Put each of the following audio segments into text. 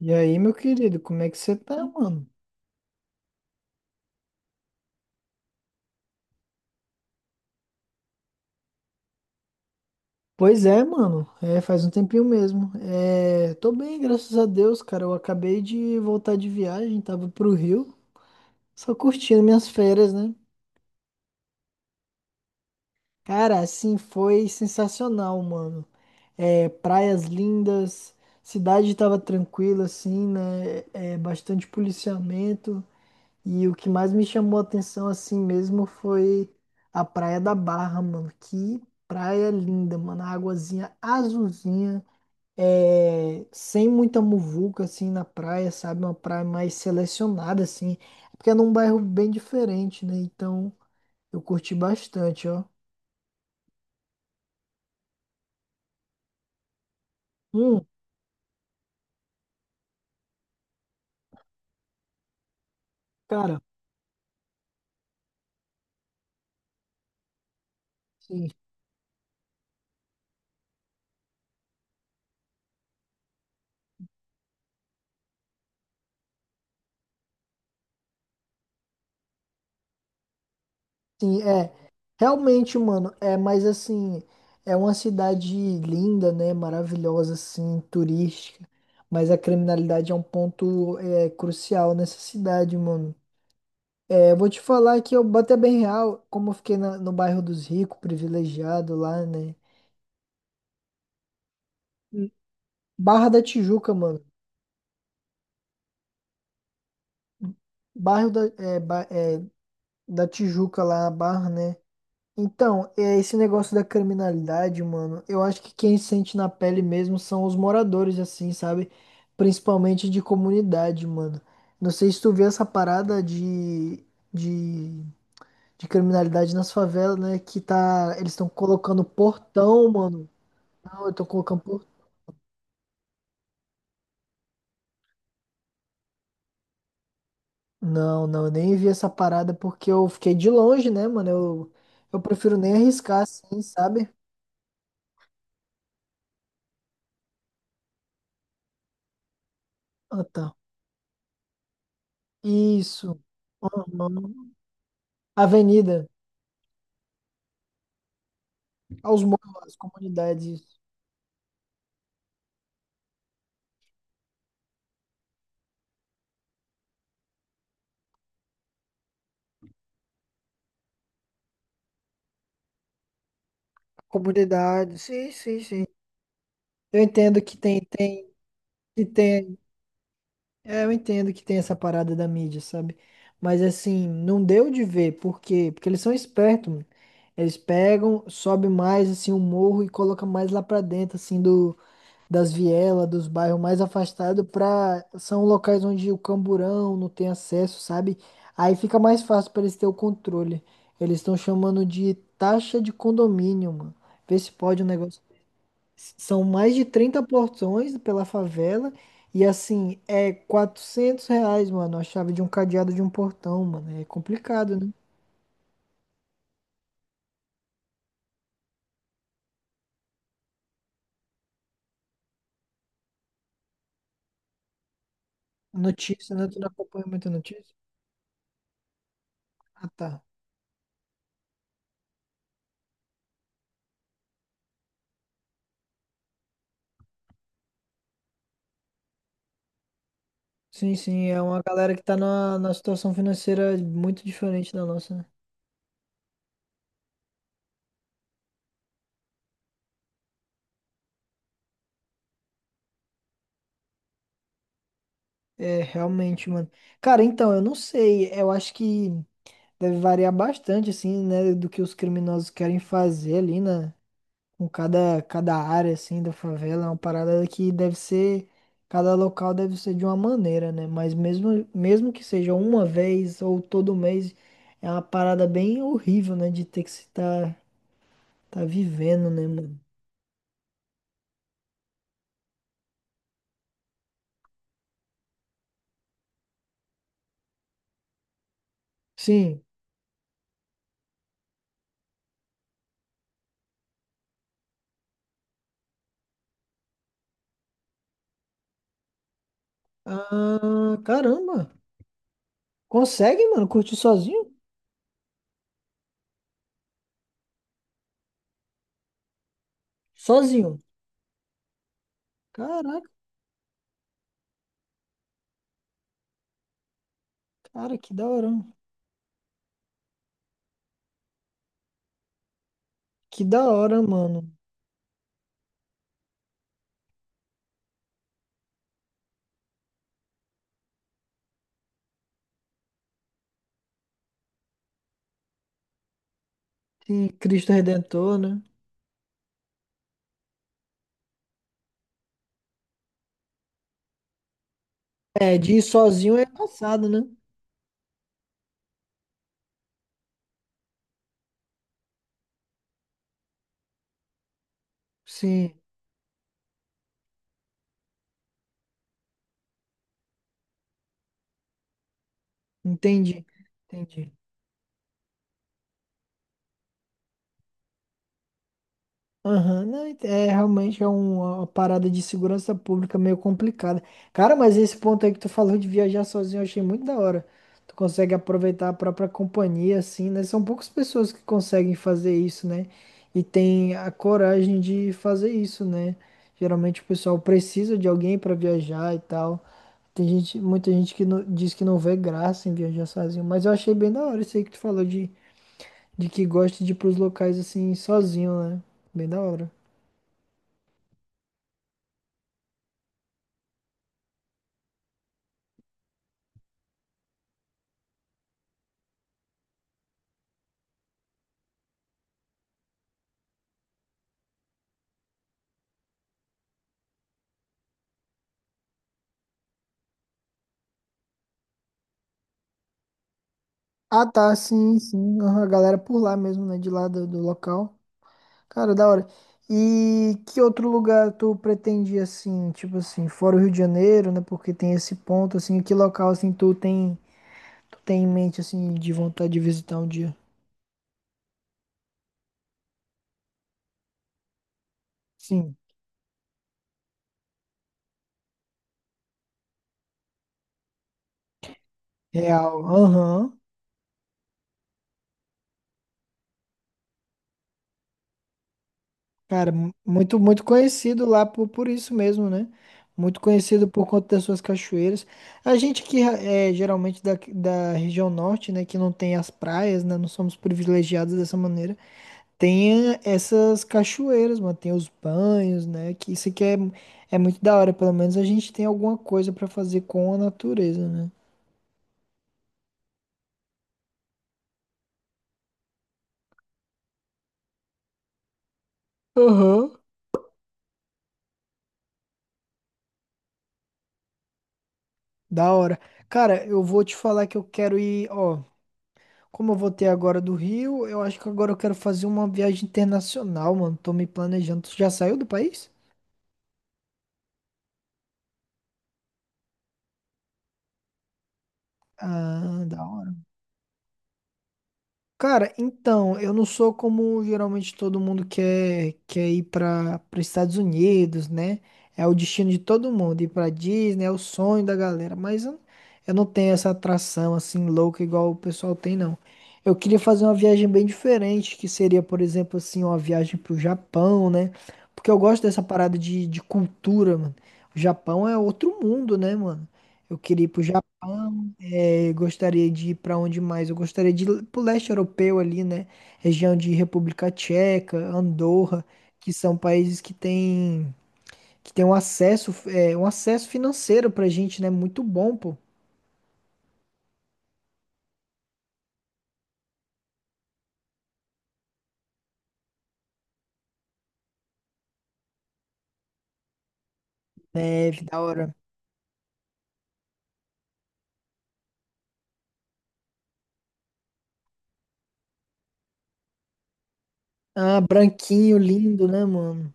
E aí, meu querido, como é que você tá, mano? Pois é, mano, é, faz um tempinho mesmo. É, tô bem, graças a Deus, cara. Eu acabei de voltar de viagem, tava pro Rio, só curtindo minhas férias, né? Cara, assim, foi sensacional, mano. É, praias lindas, cidade tava tranquila, assim, né? É, bastante policiamento. E o que mais me chamou a atenção assim mesmo foi a Praia da Barra, mano. Que praia linda, mano. A águazinha azulzinha, sem muita muvuca assim na praia, sabe? Uma praia mais selecionada assim. É, porque é num bairro bem diferente, né? Então eu curti bastante, ó. Hum, cara. Sim. Sim, é. Realmente, mano, é, mas assim, é uma cidade linda, né? Maravilhosa, assim, turística. Mas a criminalidade é um ponto crucial nessa cidade, mano. É, eu vou te falar que eu bati bem real, como eu fiquei no bairro dos ricos, privilegiado lá, né? Barra da Tijuca, mano. Bairro da, é, ba- é, da Tijuca lá, a Barra, né? Então, é, esse negócio da criminalidade, mano, eu acho que quem sente na pele mesmo são os moradores, assim, sabe? Principalmente de comunidade, mano. Não sei se tu vê essa parada de, de criminalidade nas favelas, né? Que tá. Eles estão colocando portão, mano. Não, eu tô colocando portão. Não, não, eu nem vi essa parada porque eu fiquei de longe, né, mano? Eu prefiro nem arriscar, assim, sabe? Ah, tá. Isso. Uhum. Avenida. Aos morros, às comunidades. Comunidades, sim, sim, sim. Eu entendo que tem. É, eu entendo que tem essa parada da mídia, sabe? Mas assim, não deu de ver, por quê? Porque eles são espertos, mano. Eles pegam, sobe mais assim o morro e coloca mais lá pra dentro, assim, das vielas, dos bairros mais afastados, são locais onde o camburão não tem acesso, sabe? Aí fica mais fácil para eles ter o controle. Eles estão chamando de taxa de condomínio, mano. Vê se pode um negócio. São mais de 30 portões pela favela e assim, é R$ 400, mano, a chave de um cadeado de um portão, mano. É complicado, né? Notícia, né? Tu não acompanha muita notícia? Ah, tá. Sim, sim, é uma galera que tá numa situação financeira muito diferente da nossa, né? É, realmente, mano. Cara, então, eu não sei. Eu acho que deve variar bastante, assim, né, do que os criminosos querem fazer ali, né, com cada área, assim, da favela. É uma parada que deve ser, cada local deve ser de uma maneira, né? Mas mesmo, mesmo que seja uma vez ou todo mês, é uma parada bem horrível, né, de ter que se tá vivendo, né, mano? Sim. Ah, caramba. Consegue, mano, curtir sozinho? Sozinho. Caraca. Cara, que da hora. Que da hora, mano. Sim, Cristo Redentor, né? É, de ir sozinho é embaçado, né? Sim, entendi. Entendi. Aham, não, é realmente uma parada de segurança pública meio complicada. Cara, mas esse ponto aí que tu falou de viajar sozinho, eu achei muito da hora. Tu consegue aproveitar a própria companhia, assim, né? São poucas pessoas que conseguem fazer isso, né? E tem a coragem de fazer isso, né? Geralmente o pessoal precisa de alguém pra viajar e tal. Tem gente, muita gente que diz que não vê graça em viajar sozinho, mas eu achei bem da hora isso aí que tu falou de, que gosta de ir pros locais assim sozinho, né? Bem da hora. Ah, tá, sim, sim. Aham, A galera por lá mesmo, né? De lá do local. Cara, da hora. E que outro lugar tu pretende, assim, tipo assim, fora o Rio de Janeiro, né? Porque tem esse ponto, assim, que local, assim, tu tem em mente, assim, de vontade de visitar um dia? Sim, real. Aham. Cara, muito, muito conhecido lá por isso mesmo, né? Muito conhecido por conta das suas cachoeiras. A gente que é geralmente da região norte, né? Que não tem as praias, né? Não somos privilegiados dessa maneira. Tem essas cachoeiras, mano. Tem os banhos, né? Que isso aqui é muito da hora. Pelo menos a gente tem alguma coisa pra fazer com a natureza, né? Aham. Da hora. Cara, eu vou te falar que eu quero ir, ó. Como eu voltei agora do Rio, eu acho que agora eu quero fazer uma viagem internacional, mano. Tô me planejando. Tu já saiu do país? Ah, da hora. Cara, então, eu não sou como geralmente todo mundo quer, ir para os Estados Unidos, né? É o destino de todo mundo, ir para Disney é o sonho da galera, mas eu não tenho essa atração assim louca igual o pessoal tem, não. Eu queria fazer uma viagem bem diferente, que seria, por exemplo, assim, uma viagem para o Japão, né? Porque eu gosto dessa parada de cultura, mano. O Japão é outro mundo, né, mano? Eu queria ir pro Japão. É, gostaria de ir para onde mais? Eu gostaria de ir para o leste europeu ali, né? Região de República Tcheca, Andorra, que são países que têm um acesso financeiro pra gente, né? Muito bom, pô. Neve, da hora. Ah, branquinho, lindo, né, mano?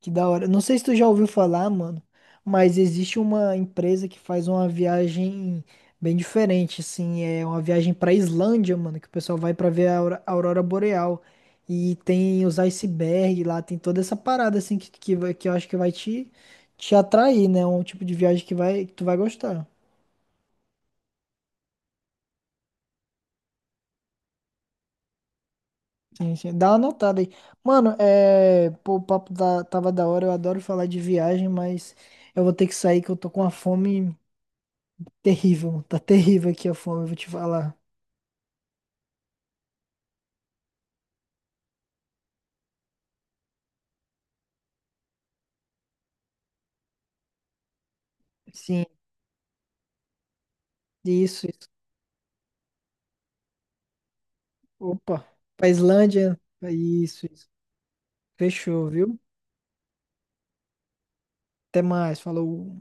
Que da hora. Não sei se tu já ouviu falar, mano, mas existe uma empresa que faz uma viagem bem diferente, assim, é uma viagem pra Islândia, mano, que o pessoal vai pra ver a a aurora boreal e tem os icebergs lá, tem toda essa parada assim que eu acho que vai te atrair, né? Um tipo de viagem que tu vai gostar. Sim, sim. Dá uma anotada aí. Mano, é, pô, o papo tava da hora, eu adoro falar de viagem, mas eu vou ter que sair que eu tô com uma fome terrível. Tá terrível aqui a fome, eu vou te falar. Sim. Isso, isso. Opa, pra Islândia. É isso, isso. Fechou, viu? Até mais, falou.